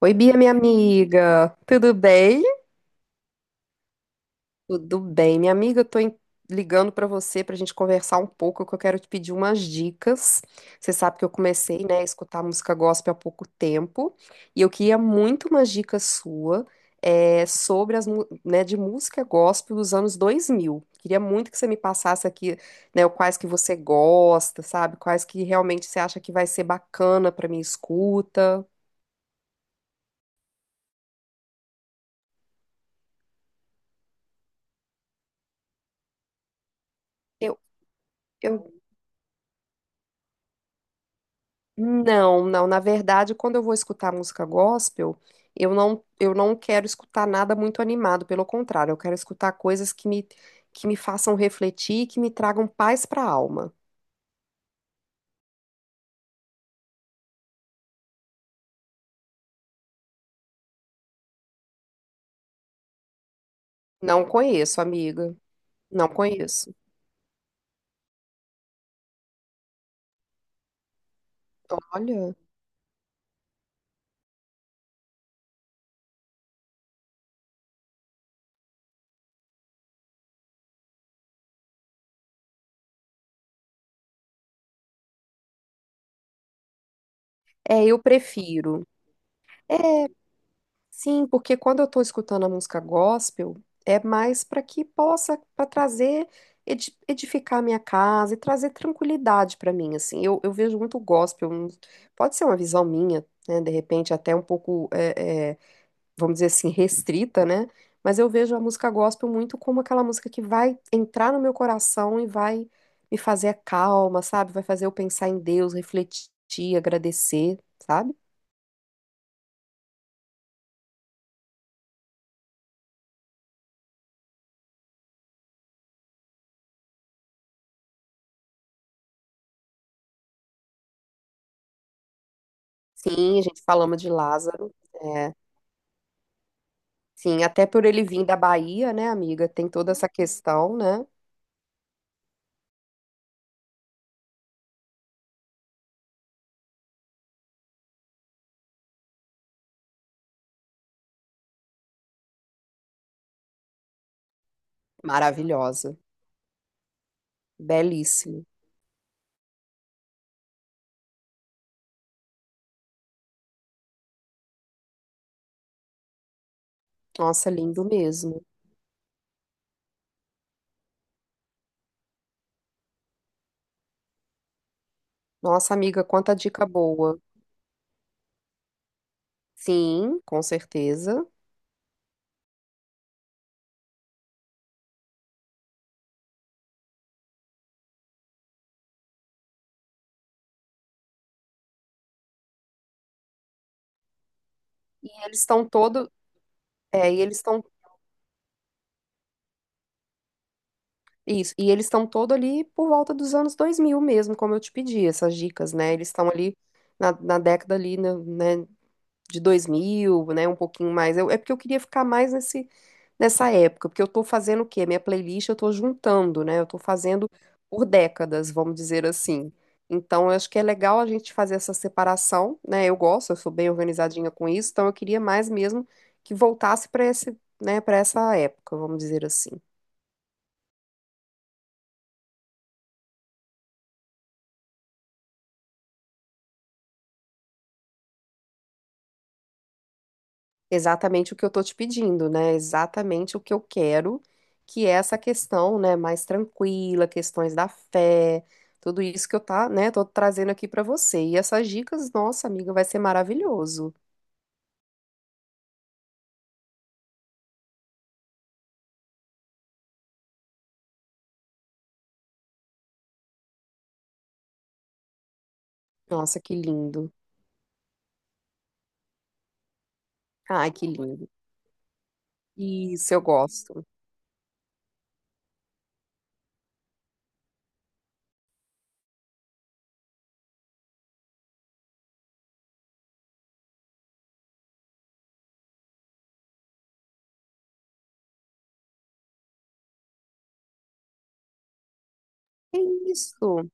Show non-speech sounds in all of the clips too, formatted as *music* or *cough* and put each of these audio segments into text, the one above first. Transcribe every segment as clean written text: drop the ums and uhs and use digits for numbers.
Oi, Bia, minha amiga. Tudo bem? Tudo bem, minha amiga. Eu tô em- ligando pra você pra gente conversar um pouco, que eu quero te pedir umas dicas. Você sabe que eu comecei, né, a escutar música gospel há pouco tempo, e eu queria muito umas dicas sua, sobre as, mu- né, de música gospel dos anos 2000. Queria muito que você me passasse aqui, né, quais que você gosta, sabe? Quais que realmente você acha que vai ser bacana pra minha escuta. Eu, eu. Não, não. Na verdade, quando eu vou escutar música gospel, eu não quero escutar nada muito animado. Pelo contrário, eu quero escutar coisas que que me façam refletir e que me tragam paz para a alma. Não conheço, amiga. Não conheço. Olha. É, eu prefiro. É, sim, porque quando eu estou escutando a música gospel, é mais para que possa, para trazer, edi- edificar a minha casa e trazer tranquilidade para mim, assim. Eu vejo muito gospel, um- pode ser uma visão minha, né, de repente até um pouco, vamos dizer assim, restrita, né? Mas eu vejo a música gospel muito como aquela música que vai entrar no meu coração e vai me fazer calma, sabe? Vai fazer eu pensar em Deus, refletir, agradecer, sabe? Sim, a gente falamos de Lázaro. É. Sim, até por ele vir da Bahia, né, amiga? Tem toda essa questão, né? Maravilhosa. Belíssimo. Nossa, lindo mesmo. Nossa, amiga, quanta dica boa. Sim, com certeza. Eles estão todo, é, e eles estão isso, e eles estão todo ali por volta dos anos 2000 mesmo, como eu te pedi, essas dicas, né? Eles estão ali na década ali, de 2000, né, um pouquinho mais. Eu- é porque eu queria ficar mais nesse, nessa época, porque eu tô fazendo o quê? Minha playlist eu tô juntando, né? Eu tô fazendo por décadas, vamos dizer assim. Então, eu acho que é legal a gente fazer essa separação, né? Eu gosto, eu sou bem organizadinha com isso, então eu queria mais mesmo que voltasse para esse, né, para essa época, vamos dizer assim. Exatamente o que eu tô te pedindo, né? Exatamente o que eu quero, que é essa questão, né, mais tranquila, questões da fé, tudo isso que eu tá, né, tô trazendo aqui pra você. E essas dicas, nossa, amiga, vai ser maravilhoso. Nossa, que lindo. Ai, que lindo. Isso, eu gosto. É isso.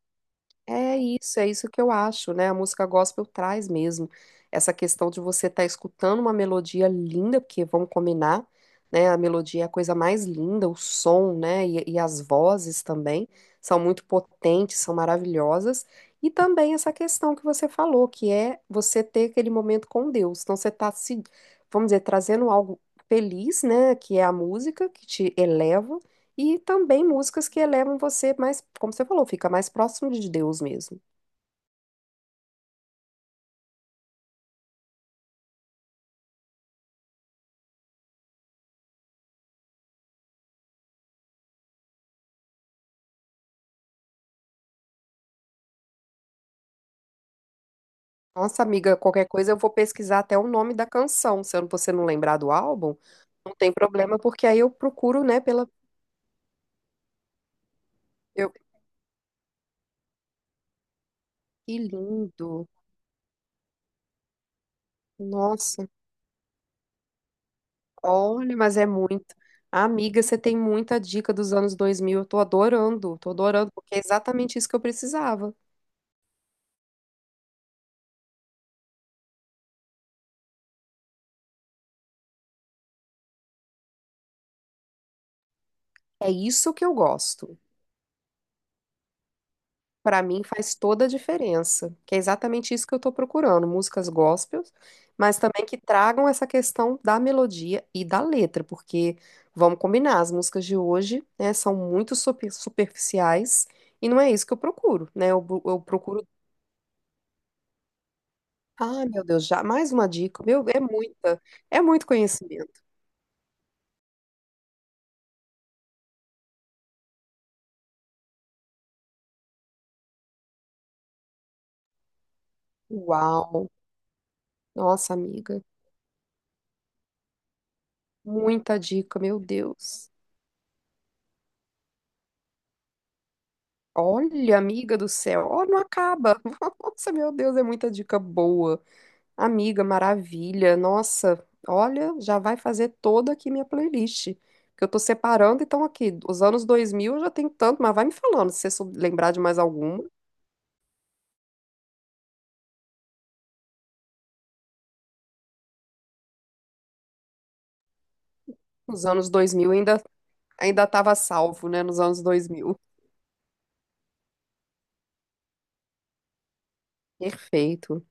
É isso que eu acho, né? A música gospel traz mesmo essa questão de você estar escutando uma melodia linda, porque vamos combinar, né? A melodia é a coisa mais linda, o som, né? E as vozes também são muito potentes, são maravilhosas. E também essa questão que você falou, que é você ter aquele momento com Deus. Então você está se, vamos dizer, trazendo algo feliz, né? Que é a música que te eleva e também músicas que elevam você mais, como você falou, fica mais próximo de Deus mesmo. Nossa, amiga, qualquer coisa eu vou pesquisar até o nome da canção. Se eu- você não lembrar do álbum, não tem problema, porque aí eu procuro, né, pela. Eu... Que lindo! Nossa, olha, mas é muito. Amiga, você tem muita dica dos anos 2000, eu tô adorando, porque é exatamente isso que eu precisava. É isso que eu gosto. Pra mim faz toda a diferença, que é exatamente isso que eu tô procurando, músicas gospels, mas também que tragam essa questão da melodia e da letra, porque vamos combinar, as músicas de hoje, né, são muito super- superficiais e não é isso que eu procuro, né? Eu, bu- eu procuro, ah, meu Deus, já mais uma dica, meu, é muita, é muito conhecimento. Uau, nossa amiga, muita dica, meu Deus. Olha, amiga do céu, ó, não acaba. *laughs* Nossa, meu Deus, é muita dica boa. Amiga, maravilha. Nossa, olha, já vai fazer toda aqui minha playlist. Que eu tô separando, então aqui, os anos 2000 eu já tenho tanto, mas vai me falando se você sou- lembrar de mais alguma. Os anos dois mil ainda ainda tava salvo, né, nos anos 2000. Perfeito.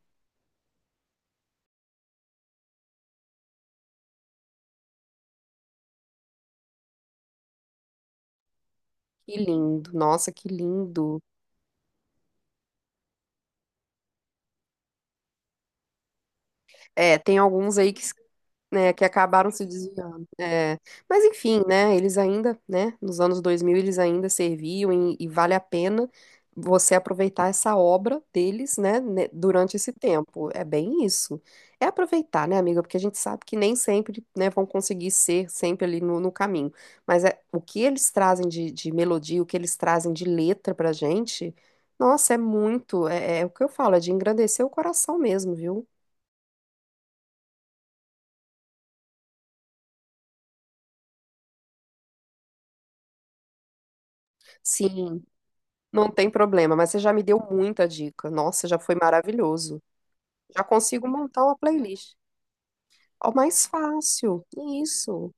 Que lindo. Nossa, que lindo. É, tem alguns aí que né, que acabaram se desviando. É. Mas enfim, né, eles ainda, né, nos anos 2000 eles ainda serviam e vale a pena você aproveitar essa obra deles, né, ne- durante esse tempo. É bem isso. É aproveitar, né, amiga, porque a gente sabe que nem sempre, né, vão conseguir ser sempre ali no, no caminho. Mas é, o que eles trazem de melodia, o que eles trazem de letra pra gente, nossa, é muito, é o que eu falo, é de engrandecer o coração mesmo, viu? Sim. Não tem problema, mas você já me deu muita dica. Nossa, já foi maravilhoso. Já consigo montar uma playlist. Ó, mais fácil. Isso,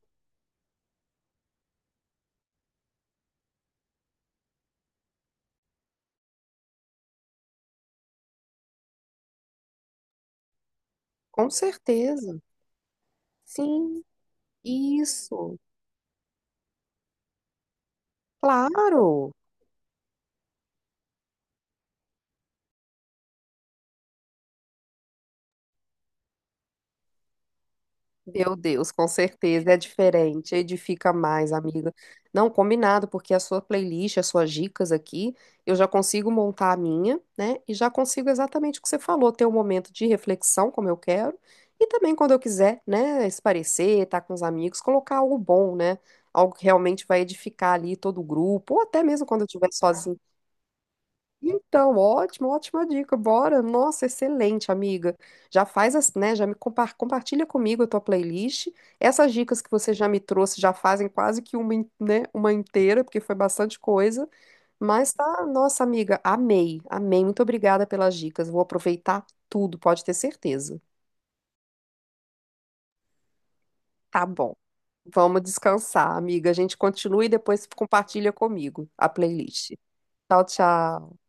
com certeza. Sim, isso. Claro. Meu Deus, com certeza é diferente, edifica mais, amiga. Não, combinado, porque a sua playlist, as suas dicas aqui, eu já consigo montar a minha, né? E já consigo exatamente o que você falou, ter um momento de reflexão, como eu quero, e também quando eu quiser, né, esparecer, estar com os amigos, colocar algo bom, né? Algo que realmente vai edificar ali todo o grupo, ou até mesmo quando eu estiver sozinha então, ótimo, ótima dica. Bora. Nossa, excelente, amiga. Já faz, as- né, já me compa- compartilha comigo a tua playlist. Essas dicas que você já me trouxe já fazem quase que uma, in- né, uma inteira, porque foi bastante coisa. Mas tá, nossa amiga, amei, amei. Muito obrigada pelas dicas. Vou aproveitar tudo, pode ter certeza. Tá bom. Vamos descansar, amiga. A gente continua e depois compartilha comigo a playlist. Tchau, tchau.